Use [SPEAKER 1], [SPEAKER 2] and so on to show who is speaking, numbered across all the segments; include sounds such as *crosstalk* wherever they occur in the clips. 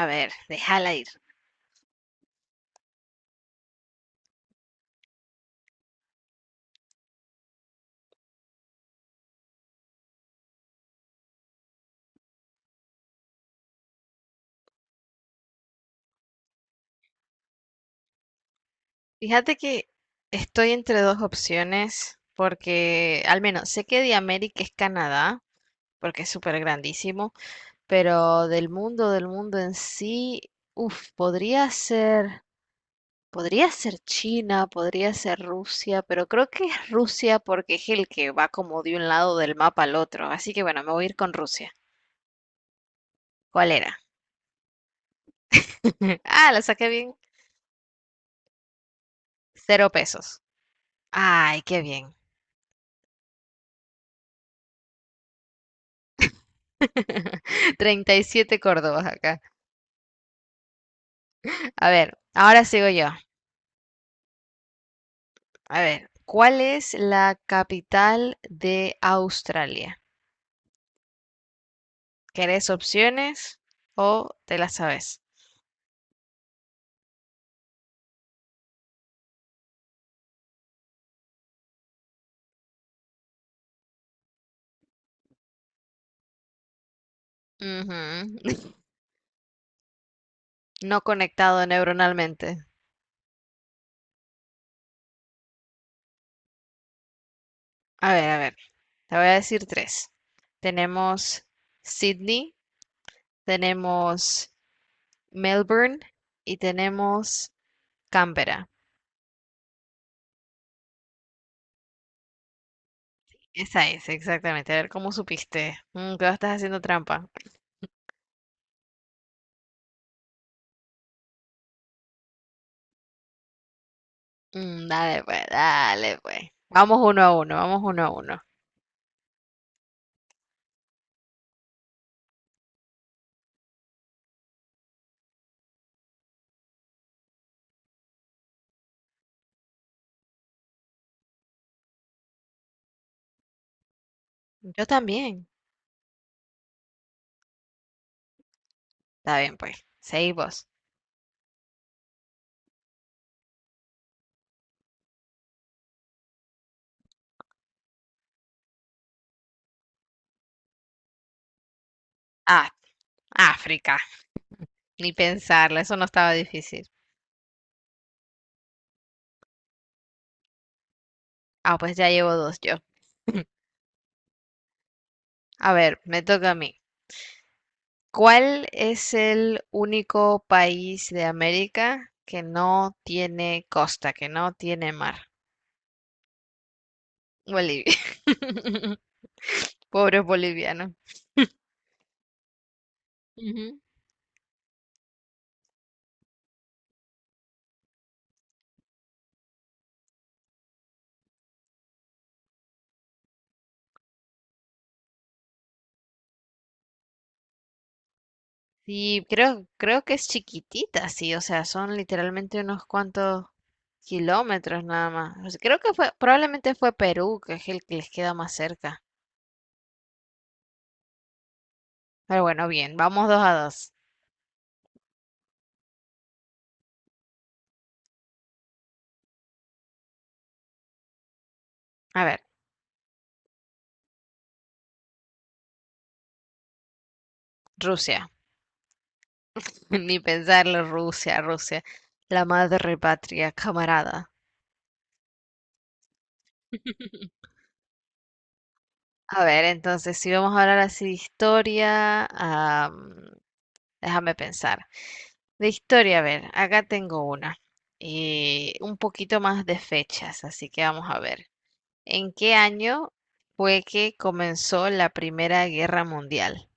[SPEAKER 1] A ver, déjala ir. Fíjate que estoy entre dos opciones porque al menos sé que de América es Canadá, porque es súper grandísimo. Pero del mundo en sí, uff, podría ser China, podría ser Rusia, pero creo que *laughs* es Rusia porque es el que va como de un lado del mapa al otro. Así que bueno, me voy a ir con Rusia. ¿Cuál era? *laughs* Ah, la saqué bien. Cero pesos. Ay, qué bien. *laughs* 37 Córdobas acá. A ver, ahora sigo yo. A ver, ¿cuál es la capital de Australia? ¿Querés opciones o te las sabes? Ujú. *laughs* No conectado neuronalmente. A ver, te voy a decir tres. Tenemos Sydney, tenemos Melbourne y tenemos Canberra. Esa es, exactamente. A ver cómo supiste. Mm, que estás haciendo trampa. Mm, dale, pues, dale, pues. Vamos uno a uno, vamos uno a uno. Yo también. Está bien, pues. Seguimos. Ah, África. Ni pensarlo, eso no estaba difícil. Ah, pues ya llevo dos yo. *laughs* A ver, me toca a mí. ¿Cuál es el único país de América que no tiene costa, que no tiene mar? Bolivia. *laughs* Pobres bolivianos. Ujú. Sí, creo, creo que es chiquitita, sí, o sea, son literalmente unos cuantos kilómetros nada más. O sea, creo que fue, probablemente fue Perú, que es el que les queda más cerca. Pero bueno, bien, vamos dos a dos. A ver, Rusia. *laughs* Ni pensarlo, Rusia, Rusia, la madre patria, camarada. *laughs* A ver, entonces, si vamos a hablar así de historia, déjame pensar. De historia, a ver, acá tengo una. Un poquito más de fechas, así que vamos a ver. ¿En qué año fue que comenzó la Primera Guerra Mundial?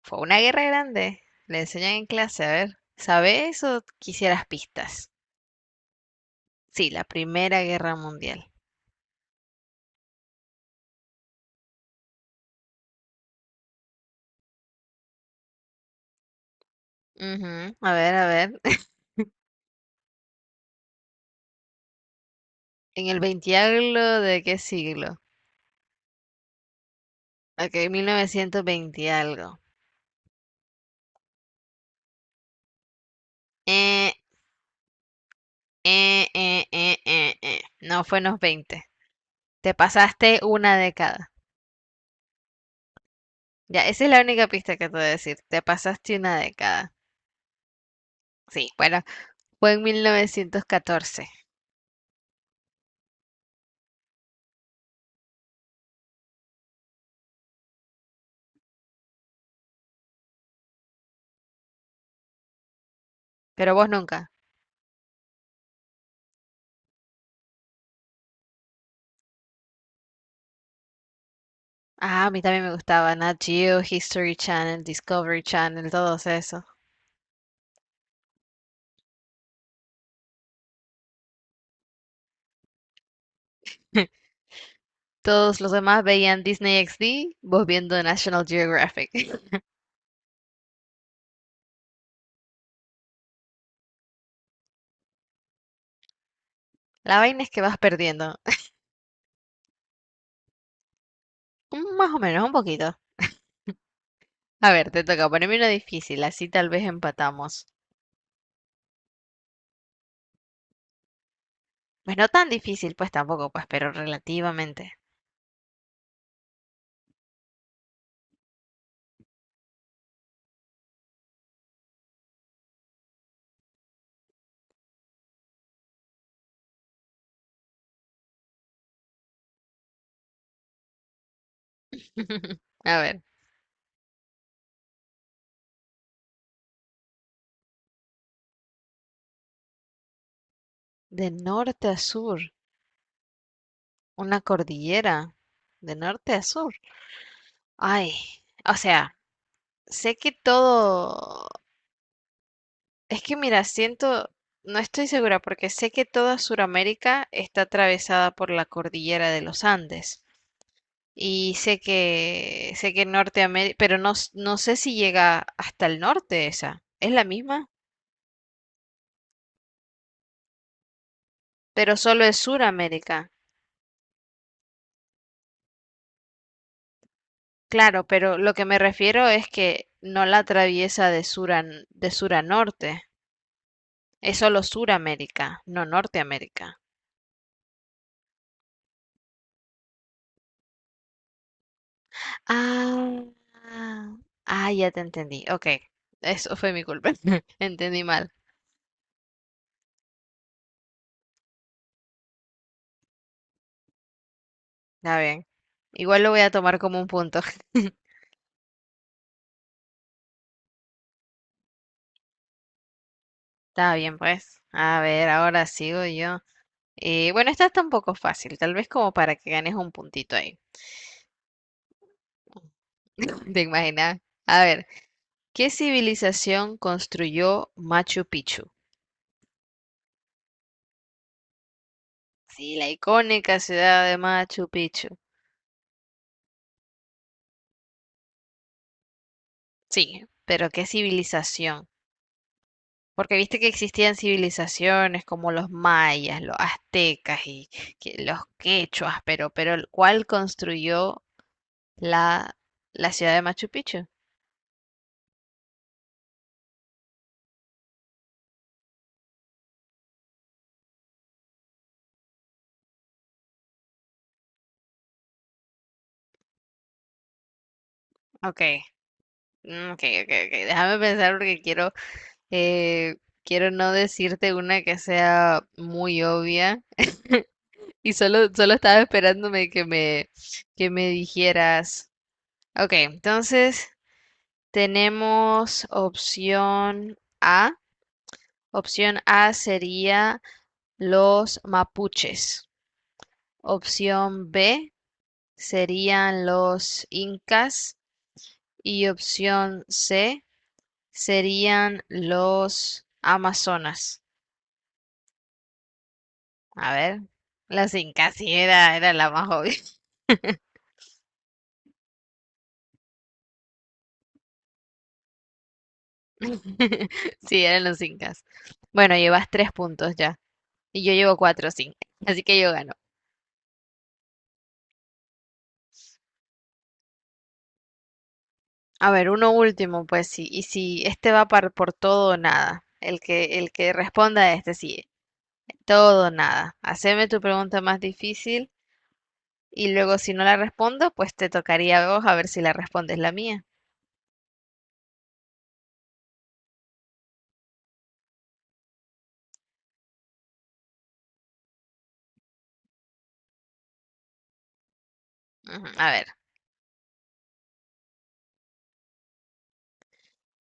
[SPEAKER 1] Fue una guerra grande. Le enseñan en clase, a ver. ¿Sabes o quisieras pistas? Sí, la Primera Guerra Mundial. Ujú, a ver, a ver. *laughs* ¿En el 20 algo de qué siglo? Ok, 1920 algo. Eh, No fue en los veinte. Te pasaste una década. Ya, esa es la única pista que te voy a decir. Te pasaste una década. Sí, bueno, fue en 1914. Pero vos nunca. Ah, a mí también me gustaba Nat Geo, History Channel, Discovery Channel, todos esos. *laughs* Todos los demás veían Disney XD, vos viendo National Geographic. *laughs* La vaina es que vas perdiendo. *laughs* Más o menos, un poquito. A ver, te toca ponerme una difícil, así tal vez empatamos. Pues no tan difícil, pues tampoco, pues, pero relativamente. *laughs* A ver, de norte a sur, una cordillera, de norte a sur. Ay, o sea, sé que todo. Es que mira, siento, no estoy segura porque sé que toda Sudamérica está atravesada por la cordillera de los Andes y sé que Norteamérica, pero no, s- no sé si llega hasta el norte esa. Es la misma, pero solo es Suramérica. Claro, pero lo que me refiero es que no la atraviesa de sur a, n- de sur a norte. Es solo Suramérica, no Norteamérica. Ah, ah, ah, ya te entendí. Ok, eso fue mi culpa. *laughs* Entendí mal. Está bien. Igual lo voy a tomar como un punto. *laughs* Está bien, pues. A ver, ahora sigo yo. Bueno, esta está un poco fácil, tal vez como para que ganes un puntito ahí. *laughs* ¿Te imaginas? A ver, ¿qué civilización construyó Machu Picchu? Sí, la icónica ciudad de Machu Picchu. Sí, pero ¿qué civilización? Porque viste que existían civilizaciones como los mayas, los aztecas y que- los quechuas, pero el- ¿cuál construyó la, la ciudad de Machu Picchu? Ok, mm, ok, ok, ok. Déjame pensar porque quiero, eh, quiero no decirte una que sea muy obvia. Y solo, solo estaba esperándome que me dijeras. Ok, entonces tenemos opción A. Opción A sería los mapuches, opción B serían los incas y opción C serían los amazonas. A ver, los incas, sí, era, era la más obvia. *laughs* Sí, eran los incas. Bueno, llevas tres puntos ya y yo llevo cuatro, sí. Así que yo gano. A ver, uno último, pues sí. Y si este va par- por todo o nada, el que responda a este, sí. Todo o nada. Haceme tu pregunta más difícil y luego si no la respondo, pues te tocaría a vos a ver si la respondes la mía. Ujú, a ver,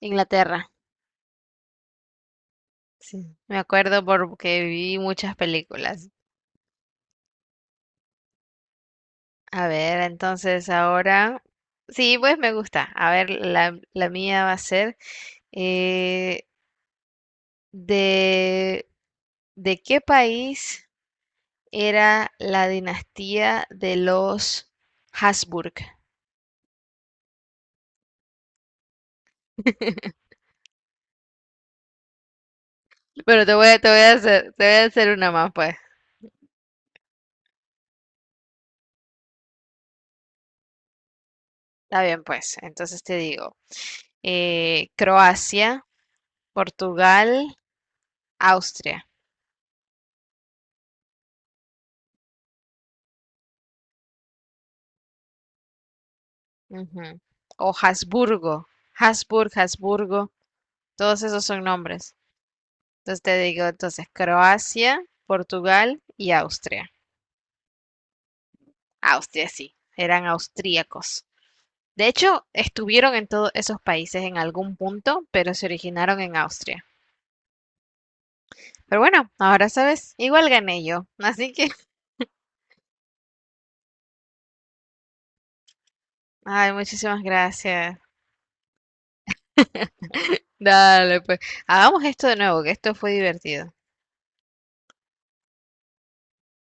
[SPEAKER 1] Inglaterra. Sí, me acuerdo porque vi muchas películas. A ver, entonces ahora... Sí, pues me gusta. A ver, la mía va a ser... eh, de, ¿de qué país era la dinastía de los Habsburg? *laughs* Pero te voy a hacer, te voy a hacer una más, pues. Está bien, pues. Entonces te digo, Croacia, Portugal, Austria. Ujú. O Habsburgo. Habsburg, Habsburgo. Todos esos son nombres. Entonces te digo, entonces, Croacia, Portugal y Austria. Austria, sí. Eran austríacos. De hecho, estuvieron en todos esos países en algún punto, pero se originaron en Austria. Pero bueno, ahora sabes, igual gané yo. Así que... Ay, muchísimas gracias. Dale, pues. Hagamos esto de nuevo, que esto fue divertido.